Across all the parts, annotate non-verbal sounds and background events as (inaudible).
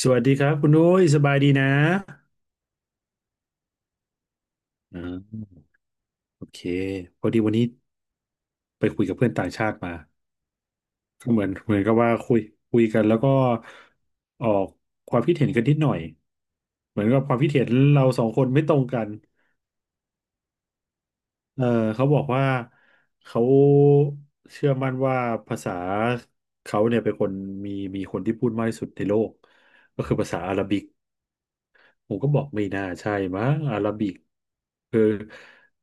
สวัสดีครับคุณอุ้ยสบายดีนะอ่าโอเคพอดีวันนี้ไปคุยกับเพื่อนต่างชาติมาก็เหมือนกับว่าคุยคุยกันแล้วก็ออกความคิดเห็นกันนิดหน่อยเหมือนกับความคิดเห็นเราสองคนไม่ตรงกันเออเขาบอกว่าเขาเชื่อมั่นว่าภาษาเขาเนี่ยเป็นคนมีมีคนที่พูดมากที่สุดในโลกก็คือภาษาอาหรับิก ผมก็บอกไม่น่าใช่มั้งอาราบิกคือ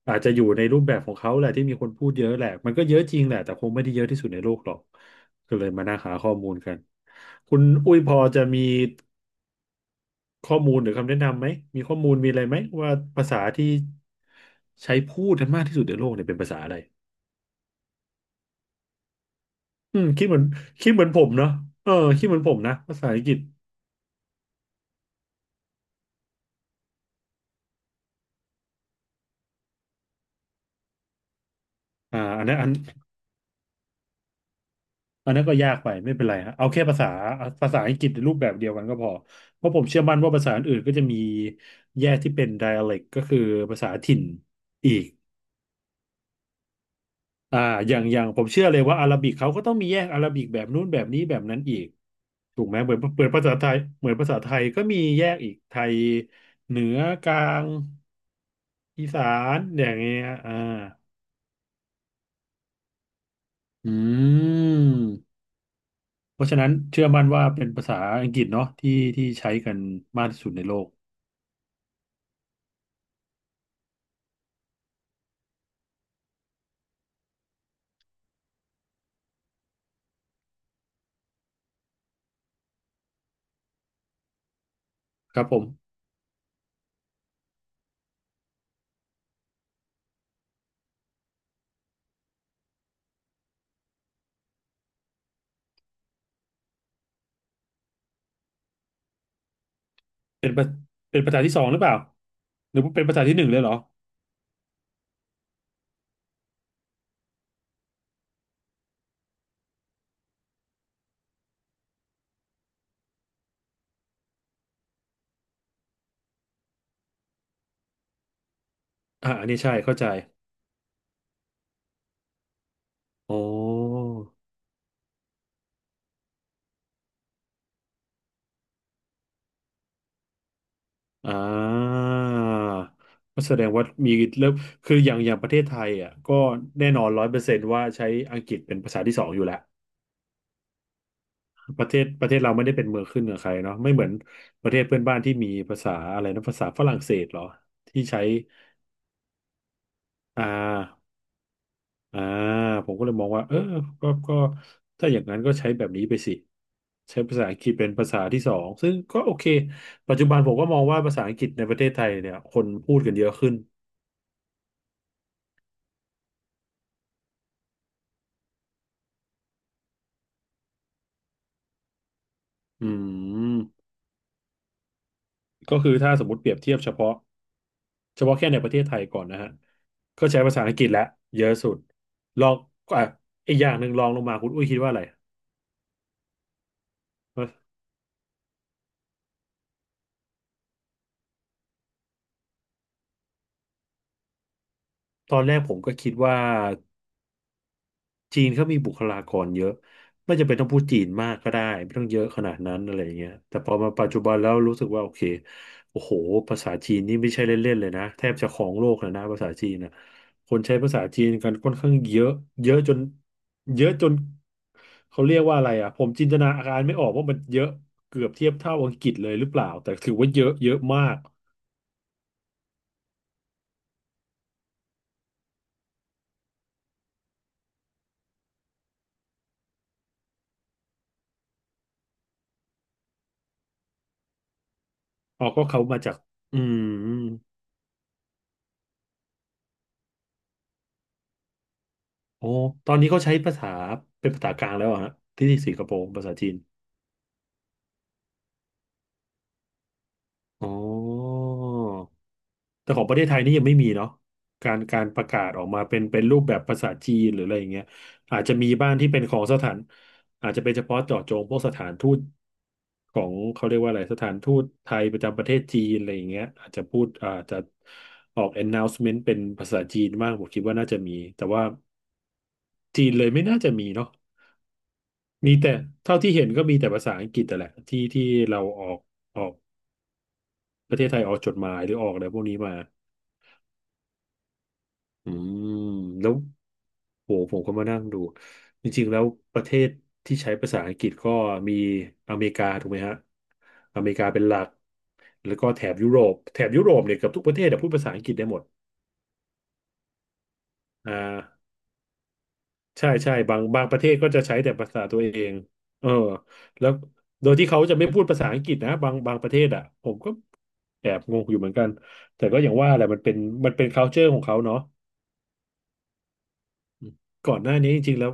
อาจจะอยู่ในรูปแบบของเขาแหละที่มีคนพูดเยอะแหละมันก็เยอะจริงแหละแต่คงไม่ได้เยอะที่สุดในโลกหรอกก็เลยมานั่งหาข้อมูลกันคุณอุ้ยพอจะมีข้อมูลหรือคำแนะนำไหมมีข้อมูลมีอะไรไหมว่าภาษาที่ใช้พูดกันมากที่สุดในโลกเนี่ยเป็นภาษาอะไรอืมคิดเหมือนคิดเหมือนผมเนาะเออคิดเหมือนผมนะภาษาอังกฤษอ่าอันนั้นอัน อันนั้นก็ยากไปไม่เป็นไรฮะเอาแค่ภาษาภาษาอังกฤษในรูปแบบเดียวกันก็พอเพราะผมเชื่อมั่นว่าภาษาอื่นๆก็จะมีแยกที่เป็น dialect ก็คือภาษาถิ่นอีกอ่าอย่างผมเชื่อเลยว่าอาหรับิกเขาก็ต้องมีแยกอาหรับิกแบบนู้นแบบนี้แบบนั้นอีกถูกไหมเหมือนภาษาไทยเหมือนภาษาไทยก็มีแยกอีกไทยเหนือกลางอีสานอย่างเงี้ยอ่าอืมเพราะฉะนั้นเชื่อมั่นว่าเป็นภาษาอังกฤษเนาะที่ที่ใช้กันมากที่สุดในโลก ครับผมเป็นประเป็นภาษาที่สองหรือเปล่าหรือเป็นภาษาที่หนึ่งเลยเหรออ่าอันนี้ใช่เข้าใจโอ้ออ่าก็แสดงว่ามีเริ่มคืออย่างประเทศไทยอ่ะก็แน่นอนร้อยเปอร์เซนต์ว่าใช้อังกฤษเป็นภาษาที่สองอยู่แล้วประเทศเราไม่ได้เป็นเมืองขึ้นเหนือใครเนาะไม่เหมือนประเทศเพื่อนบ้านที่มีภาษาอะไรนะภาษาฝรั่งเศสเหรอที่ใช้อ่า อ่าผมก็เลยมองว่าเออก็ถ้าอย่างนั้นก็ใช้แบบนี้ไปสิใช้ภาษาอังกฤษเป็นภาษาที่สองซึ่งก็โอเคปัจจุบันผมก็มองว่าภาษาอังกฤษในประเทศไทยเนี่ยคนพูดกันเยอะขึ้นอืมก็คือถ้าสมมติเปรียบเทียบเฉพาะแค่ในประเทศไทยก่อนนะฮะก็ใช้ภาษาอังกฤษและเยอะสุดลองอ่ะอีกอย่างหนึ่งลองลงมาคุณอุ้ยคิดว่าอะไรตอนแรกผมก็คิดว่า จีนเขามีบุคลากรเยอะไม่จำเป็นต้องพูดจีนมากก็ได้ไม่ต้องเยอะขนาดนั้นอะไรอย่างเงี้ยแต่พอมาปัจจุบันแล้วรู้สึกว่าโอเคโอ้โหภาษาจีนนี่ไม่ใช่เล่นๆเลยนะแทบจะครองโลกเลยนะภาษาจีนนะคนใช้ภาษาจีนกันค่อนข้างเยอะเยอะจนเยอะจนเขาเรียกว่าอะไรอ่ะผมจินตนาการไม่ออกว่ามันเยอะเกือบเทียบเท่าอังกฤษเลยหรือเปล่าแต่ถือว่าเยอะเยอะมากอ๋อก็เขามาจากอืมโอ้ตอนนี้เขาใช้ภาษาเป็นภาษากลางแล้วอะฮะที่สิงคโปร์ภาษาจีน อ๋อแต่ของประเทศไทยนี่ยังไม่มีเนาะการประกาศออกมาเป็นรูปแบบภาษาจีนหรืออะไรอย่างเงี้ยอาจจะมีบ้างที่เป็นของสถานอาจจะเป็นเฉพาะเจาะจงพวกสถานทูตของเขาเรียกว่าอะไรสถานทูตไทยประจำประเทศจีนอะไรอย่างเงี้ยอาจจะพูดอาจจะออก announcement เป็นภาษาจีนบ้างผมคิดว่าน่าจะมีแต่ว่าจีนเลยไม่น่าจะมีเนาะมีแต่เท่าที่เห็นก็มีแต่ภาษาอังกฤษแต่แหละที่เราออกออกประเทศไทยออกจดหมายหรือออกอะไรพวกนี้มา อืมแล้วโหผมก็มานั่งดูจริงๆแล้วประเทศที่ใช้ภาษาอังกฤษก็มีอเมริกาถูกไหมฮะอเมริกาเป็นหลักแล้วก็แถบยุโรปแถบยุโรปเนี่ยเกือบทุกประเทศอะพูดภาษาอังกฤษได้หมดอ่าใช่ใช่บางประเทศก็จะใช้แต่ภาษาตัวเองเออแล้วโดยที่เขาจะไม่พูดภาษาอังกฤษนะบางประเทศอ่ะผมก็แอบงงอยู่เหมือนกันแต่ก็อย่างว่าแหละมันเป็นมันเป็น culture ของเขาเนาะอืมก่อนหน้านี้จริงๆแล้ว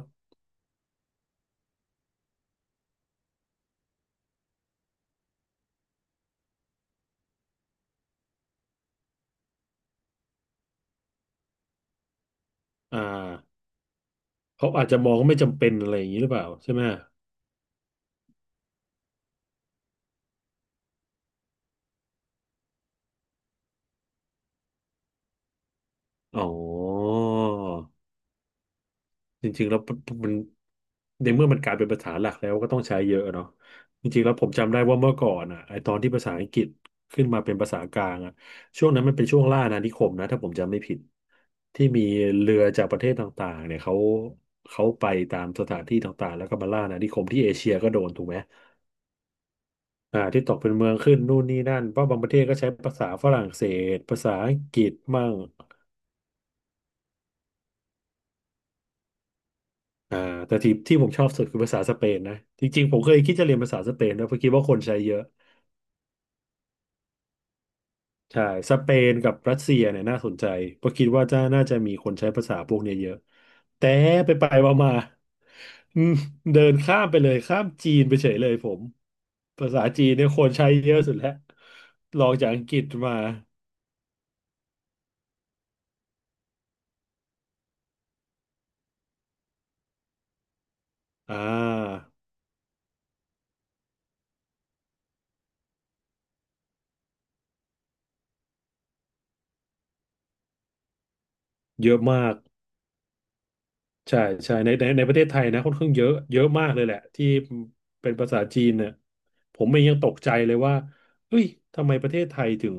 อ่า เขาอาจจะมองว่าไม่จำเป็นอะไรอย่างนี้หรือเปล่าใช่ไหมอ๋อจริงๆแล้วมันในเมื่อมันกลายเป็นภาษาหลักแล้วก็ต้องใช้เยอะเนาะจริงๆแล้วผมจำได้ว่าเมื่อก่อนอ่ะไอตอนที่ภาษาอังกฤษขึ้นมาเป็นภาษากลางอ่ะช่วงนั้นมันเป็นช่วงล่าอาณานิคมนะถ้าผมจำไม่ผิดที่มีเรือจากประเทศต่างๆเนี่ยเขาไปตามสถานที่ต่างๆแล้วก็มาล่าอาณานิคมที่เอเชียก็โดนถูกไหมอ่าที่ตกเป็นเมืองขึ้นนู่นนี่นั่นเพราะบางประเทศก็ใช้ภาษาฝรั่งเศสภาษาอังกฤษมั่ง อ่าแต่ที่ที่ผมชอบสุดคือภาษาสเปนนะจริงๆผมเคยคิดจะเรียนภาษาสเปนนะเพราะคิดว่าคนใช้เยอะใช่สเปนกับรัสเซียเนี่ยน่าสนใจเพราะคิดว่าจะน่าจะมีคนใช้ภาษาพวกเนี้ยเยอะแต่ไปไปมามาอืมเดินข้ามไปเลยข้ามจีนไปเฉยเลยผมภาษาจีนเนี่ยคนใช้เยอะสุดแล้วรองจากอังกฤษมาอ่าเยอะมาก ใช่ใช่ในประเทศไทยนะค่อนข้างเยอะเยอะมากเลยแหละที่เป็นภาษาจีนเนี่ยผมเองยังตกใจเลยว่าเอ้ยทำไมประเทศไทยถึง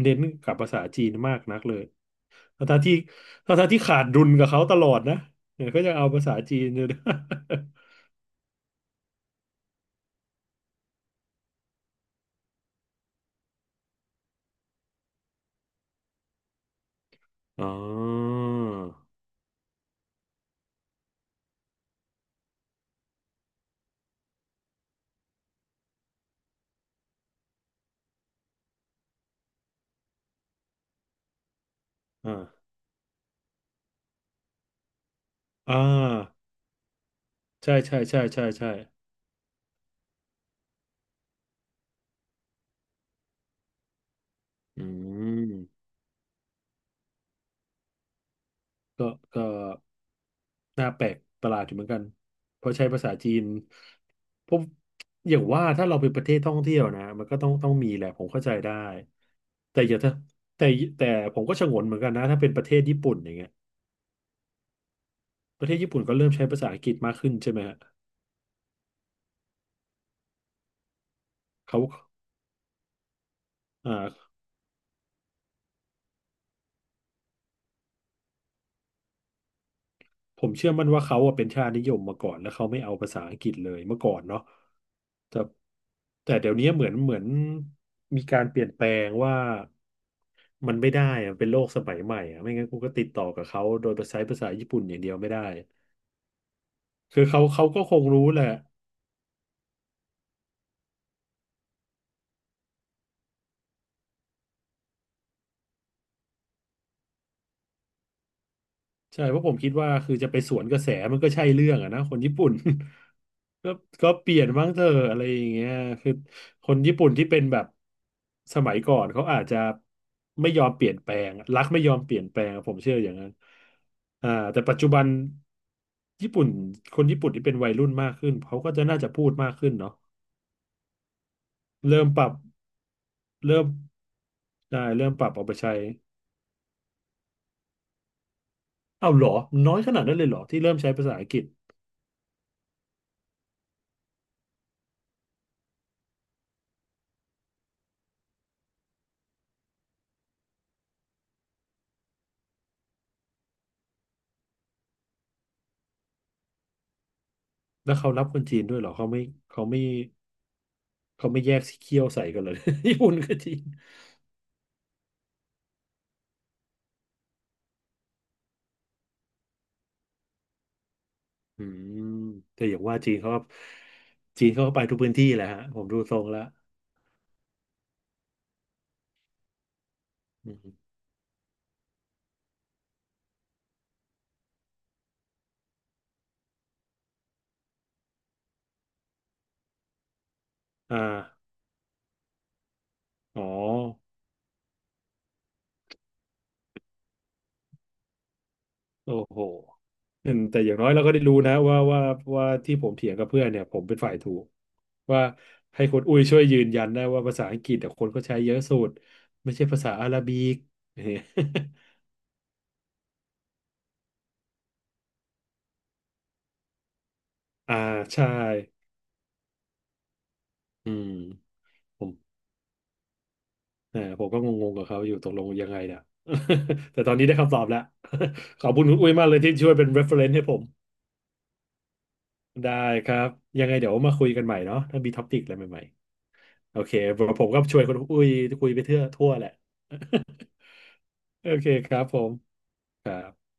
เน้นกับภาษาจีนมากนักเลยทั้งๆที่ทั้งๆที่ขาดดุลกับเขาตลอดนะเนี่ยก็ยังเอาภาษาจีนอยู่นะ (laughs) อ๋ออ่าอ่าใช่ใช่ใช่ใช่ใช่อืมก็ก็ น่าแปลกประหลาดอยู่เหมือนกันเพราะใช้ภาษาจีนพบอย่างว่าถ้าเราเป็นประเทศท่องเที่ยวนะมันก็ต้องมีแหละผมเข้าใจได้แต่อย่าถ้าแต่แต่ผมก็ฉงนเหมือนกันนะถ้าเป็นประเทศญี่ปุ่นอย่างเงี้ยประเทศญี่ปุ่นก็เริ่มใช้ภาษาอังกฤษมากขึ้นใช่ไหมฮะเขาอ่า ผมเชื่อมั่นว่าเขาอะเป็นชาตินิยมมาก่อนแล้วเขาไม่เอาภาษาอังกฤษเลยเมื่อก่อนเนาะแต่แต่เดี๋ยวนี้เหมือนมีการเปลี่ยนแปลงว่ามันไม่ได้อะเป็นโลกสมัยใหม่อะไม่งั้นกูก็ติดต่อกับเขาโดยใช้ภาษาญี่ปุ่นอย่างเดียวไม่ได้คือเขาก็คงรู้แหละ ใช่เพราะผมคิดว่าคือจะไปสวนกระแสมันก็ใช่เรื่องอะนะคนญี่ปุ่น (laughs) ก็ก็เปลี่ยนบ้างเถอะอะไรอย่างเงี้ยคือคนญี่ปุ่นที่เป็นแบบสมัยก่อนเขาอาจจะไม่ยอมเปลี่ยนแปลงรักไม่ยอมเปลี่ยนแปลงผมเชื่ออย่างนั้นอ่าแต่ปัจจุบันญี่ปุ่นคนญี่ปุ่นที่เป็นวัยรุ่นมากขึ้นเขาก็จะน่าจะพูดมากขึ้นเนาะเริ่มปรับเริ่มได้เริ่มปรับเอาไปใช้เอาเหรอน้อยขนาดนั้นเลยเหรอที่เริ่มใช้ภาษาอังกฤษ แล้วเขารับคนจีนด้วยเหรอเขาไม่เขาไม่เขาไม่แยกสีเขี้ยวใส่กันเลย (laughs) ญี่ปุ่นกับจีนอืมแต่อย่างว่าจีนเขาก็จีนเขาก็ไปทุกพื้นที่แหละฮะผมดูทรงแล้วอืมอ่าอ๋อโอ้โหอืมแต่อย่างน้อยเราก็ได้รู้นะว่าที่ผมเถียงกับเพื่อนเนี่ยผมเป็นฝ่ายถูกว่าให้คนอุ้ยช่วยยืนยันได้ว่าภาษาอังกฤษแต่คนก็ใช้เยอะสุดไม่ใช่ภาษาอาหรับิก (laughs) เนี่ย (laughs) อ่าใช่อืมผม เออผมก็งงๆกับเขาอยู่ตกลงยังไงเนี่ย (laughs) แต่ตอนนี้ได้คำตอบแล้ว (laughs) ขอบคุณคุณอุ้ยมากเลยที่ช่วยเป็น reference ให้ผมได้ครับยังไงเดี๋ยวมาคุยกันใหม่เนาะถ้ามีท็อปิกอะไรใหม่ๆโอเคผมก็ช่วยคุณอุ้ยคุยไปเทื่อทั่วแหละ (laughs) โอเคครับผมครับ